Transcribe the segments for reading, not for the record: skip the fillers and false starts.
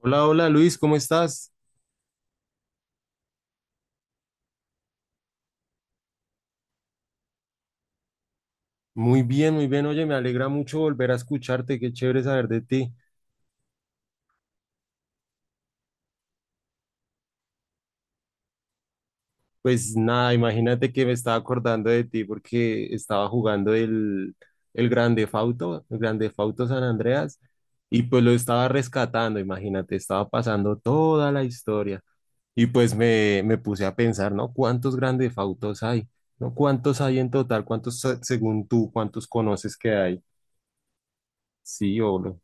Hola, hola Luis, ¿cómo estás? Muy bien, muy bien. Oye, me alegra mucho volver a escucharte, qué chévere saber de ti. Pues nada, imagínate que me estaba acordando de ti porque estaba jugando el Grande Fauto San Andreas, y pues lo estaba rescatando, imagínate, estaba pasando toda la historia. Y pues me puse a pensar, ¿no? ¿Cuántos Grande Fautos hay? ¿No? ¿Cuántos hay en total? ¿Cuántos, según tú, cuántos conoces que hay? Sí,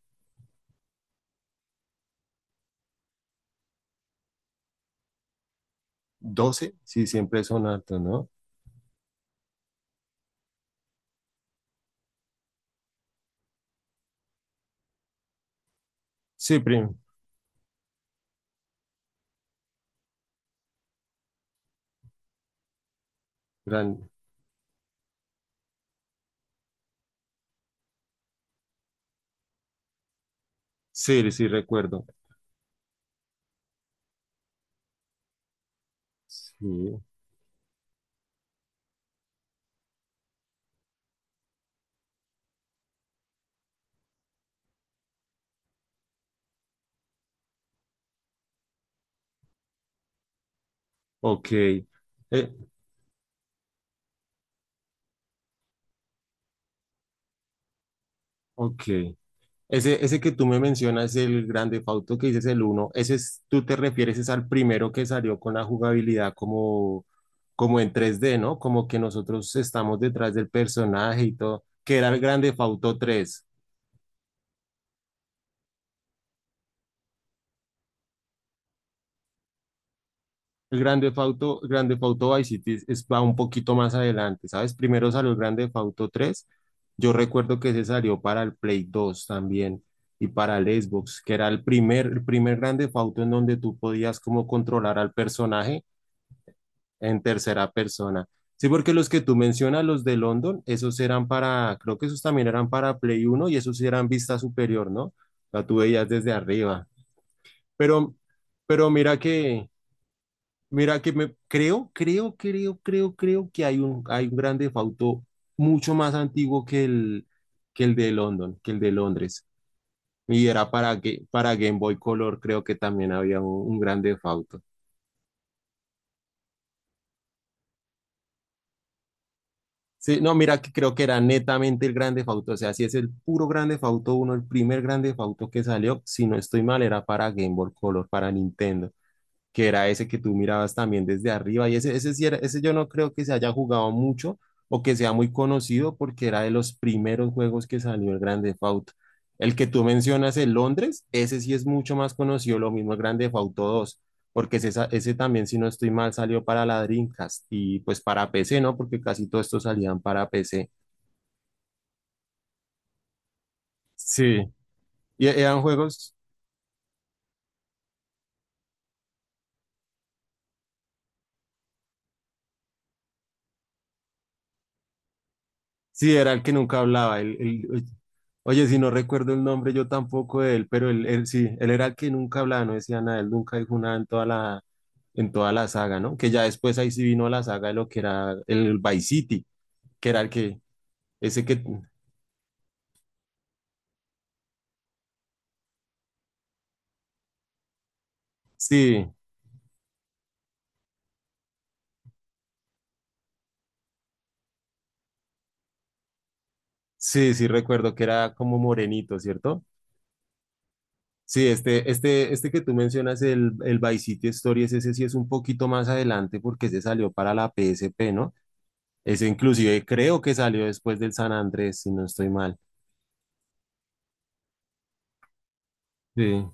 12, sí, siempre son altos, ¿no? Sí, gran sí, sí, recuerdo. Sí, ok. Eh, ok. Ese que tú me mencionas, el grande Fauto que dices el uno, ese es, tú te refieres es al primero que salió con la jugabilidad como en tres d, ¿no? Como que nosotros estamos detrás del personaje y todo, que era el grande Fauto tres. El grande Theft Auto Vice City va un poquito más adelante, ¿sabes? Primero salió el grande Fauto 3. Yo recuerdo que ese salió para el Play 2 también y para el Xbox, que era el primer grande Auto en donde tú podías como controlar al personaje en tercera persona. Sí, porque los que tú mencionas, los de London, esos eran para, creo que esos también eran para Play uno y esos sí eran vista superior, ¿no? La tú veías desde arriba. Pero, pero mira que, mira que me creo, creo, creo, creo, creo que hay un gran defauto mucho más antiguo que el de London, que el de Londres. Y era para Game Boy Color, creo que también había un gran defauto. Sí, no, mira que creo que era netamente el gran defauto. O sea, si es el puro gran defauto uno, el primer gran defauto que salió, si no estoy mal, era para Game Boy Color, para Nintendo. Que era ese que tú mirabas también desde arriba. Ese yo no creo que se haya jugado mucho o que sea muy conocido porque era de los primeros juegos que salió el Grande Theft Auto. El que tú mencionas, el Londres, ese sí es mucho más conocido, lo mismo el Grande Theft Auto dos, porque ese también, si no estoy mal, salió para la Dreamcast y pues para PC, ¿no? Porque casi todos estos salían para PC. Sí. Y eran juegos. Sí, era el que nunca hablaba. Oye, si no recuerdo el nombre, yo tampoco de él, pero él sí, él era el que nunca hablaba, no decía nada, él nunca dijo nada en toda la, saga, ¿no? Que ya después ahí sí vino la saga de lo que era el Vice City, que era el que, ese que, sí, sí, sí recuerdo que era como morenito, ¿cierto? Sí, este que tú mencionas, el Vice City Stories, ese sí es un poquito más adelante porque se salió para la PSP, ¿no? Ese inclusive creo que salió después del San Andrés, si no estoy mal. Sí.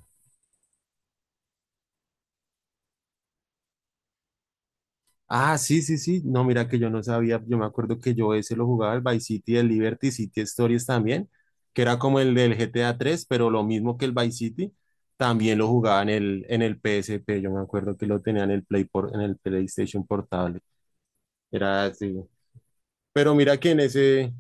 Ah, sí, sí, sí. No, mira que yo no sabía. Yo me acuerdo que yo ese lo jugaba el Vice City, el Liberty City Stories también, que era como el del GTA 3 pero lo mismo que el Vice City, también lo jugaba en el PSP. Yo me acuerdo que lo tenía en el PlayStation Portable. Era así. Pero mira que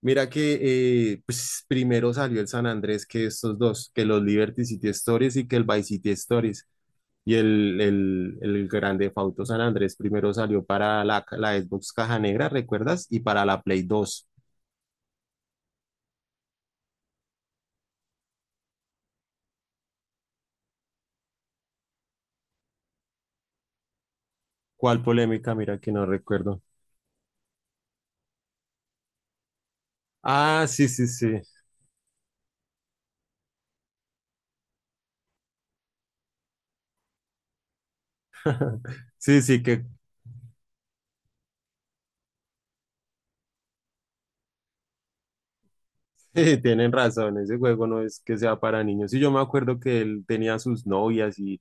mira que pues primero salió el San Andrés que estos dos, que los Liberty City Stories y que el Vice City Stories. Y el Grande Fauto San Andrés primero salió para la Xbox Caja Negra, ¿recuerdas? Y para la Play dos. ¿Cuál polémica? Mira que no recuerdo. Ah, sí, sí, sí. Sí, sí, que tienen razón. Ese juego no es que sea para niños. Y yo me acuerdo que él tenía sus novias y,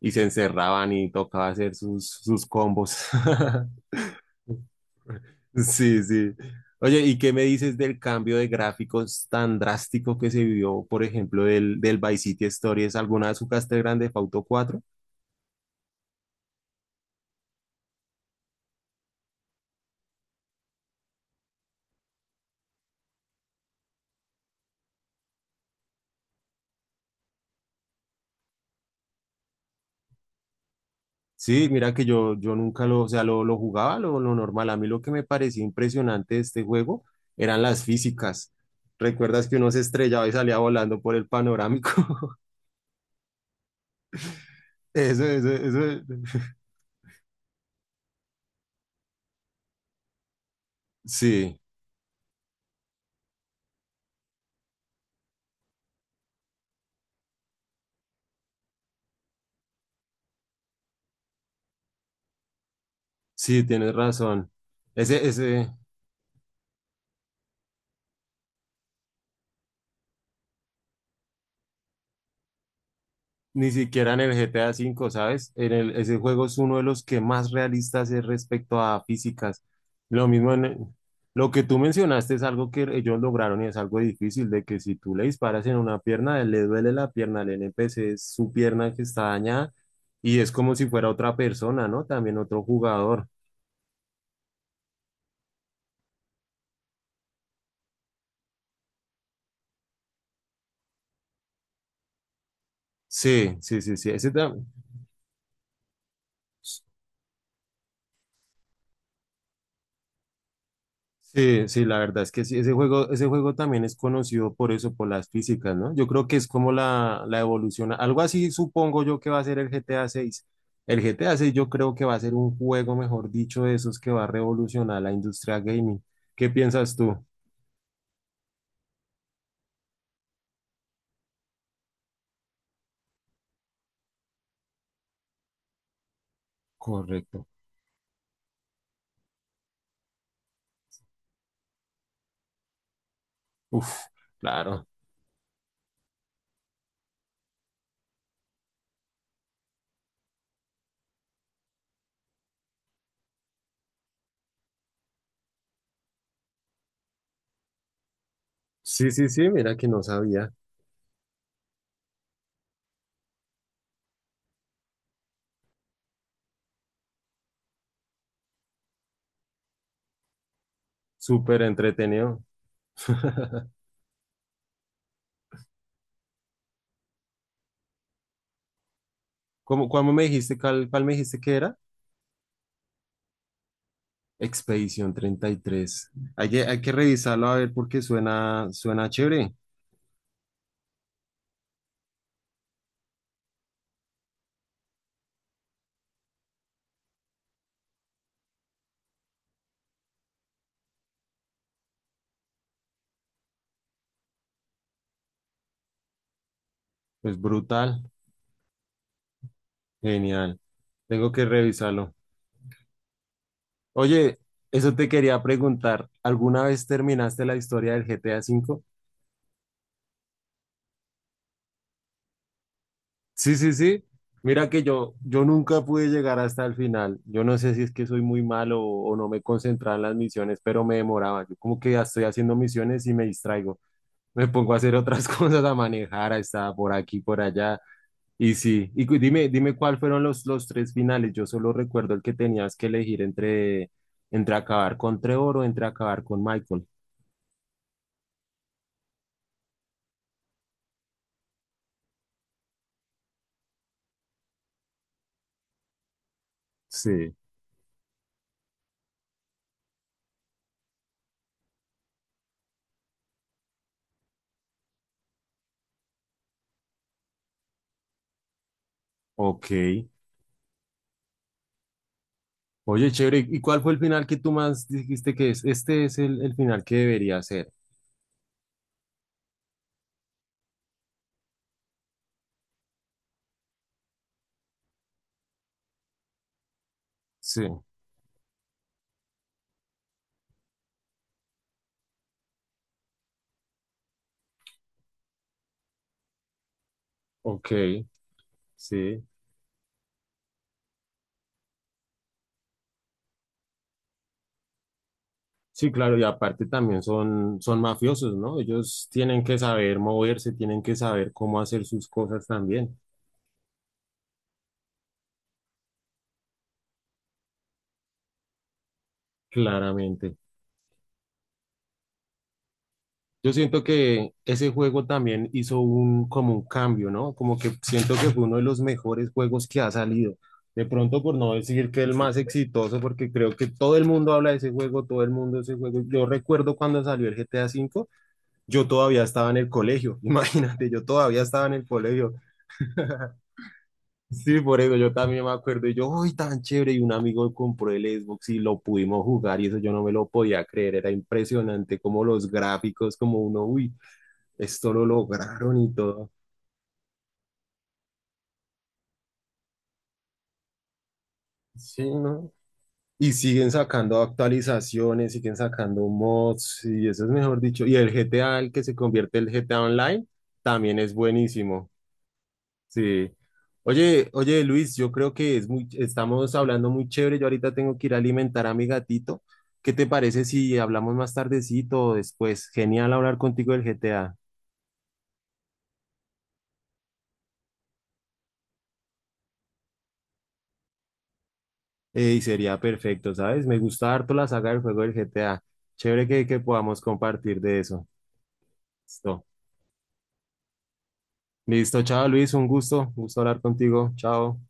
y se encerraban y tocaba hacer sus combos. Sí, sí. Oye, ¿y qué me dices del cambio de gráficos tan drástico que se vio, por ejemplo, del Vice City Stories? ¿Alguna vez jugaste Grande Theft Auto 4? Sí, mira que yo nunca lo, o sea, lo jugaba lo normal. A mí lo que me parecía impresionante de este juego eran las físicas. ¿Recuerdas que uno se estrellaba y salía volando por el panorámico? Eso, eso, eso. Sí. Sí, tienes razón. Ese, ni siquiera en el GTA V, ¿sabes? Ese juego es uno de los que más realistas es respecto a físicas. Lo mismo en, el- lo que tú mencionaste es algo que ellos lograron y es algo difícil, de que si tú le disparas en una pierna, le duele la pierna al NPC, es su pierna que está dañada y es como si fuera otra persona, ¿no? También otro jugador. Sí, sí, sí, sí. Ese también. Sí, sí, la verdad es que sí, ese juego también es conocido por eso, por las físicas, ¿no? Yo creo que es como la evolución, algo así supongo yo que va a ser el GTA 6. El GTA 6 yo creo que va a ser un juego, mejor dicho, de esos que va a revolucionar la industria gaming. ¿Qué piensas tú? Correcto. Uf, claro. Sí, sí, sí, mira que no sabía. Súper entretenido. ¿Cómo, me dijiste, cuál me dijiste que era? Expedición 33. Hay que revisarlo a ver porque suena chévere. Es brutal. Genial. Tengo que revisarlo. Oye, eso te quería preguntar. ¿Alguna vez terminaste la historia del GTA V? Sí, sí, sí. Mira que yo nunca pude llegar hasta el final. Yo no sé si es que soy muy malo o no me concentraba en las misiones, pero me demoraba. Yo como que ya estoy haciendo misiones y me distraigo. Me pongo a hacer otras cosas, a manejar, a estar por aquí, por allá. Y sí, dime cuál fueron los tres finales. Yo solo recuerdo el que tenías que elegir entre acabar con Trevor o entre acabar con Michael. Sí, ok. Oye, chévere, ¿y cuál fue el final que tú más dijiste que es? Este es el final que debería ser. Sí, ok, sí. Sí, claro, y aparte también son mafiosos, ¿no? Ellos tienen que saber moverse, tienen que saber cómo hacer sus cosas también, claramente. Yo siento que ese juego también hizo como un cambio, ¿no? Como que siento que fue uno de los mejores juegos que ha salido. De pronto, por no decir que el más exitoso, porque creo que todo el mundo habla de ese juego, todo el mundo de ese juego. Yo recuerdo cuando salió el GTA V, yo todavía estaba en el colegio, imagínate, yo todavía estaba en el colegio. Sí, por eso yo también me acuerdo, y yo, uy, tan chévere, y un amigo compró el Xbox y lo pudimos jugar, y eso yo no me lo podía creer, era impresionante como los gráficos, como uno, uy esto lo lograron y todo. Sí, ¿no? Y siguen sacando actualizaciones, siguen sacando mods, y eso es mejor dicho. Y el GTA, el que se convierte en el GTA Online, también es buenísimo. Sí. Oye, oye, Luis, yo creo que estamos hablando muy chévere. Yo ahorita tengo que ir a alimentar a mi gatito. ¿Qué te parece si hablamos más tardecito o después? Genial hablar contigo del GTA. Y sería perfecto, ¿sabes? Me gusta harto la saga del juego del GTA. Chévere que podamos compartir de eso. Listo. Listo, chao Luis, un gusto hablar contigo. Chao.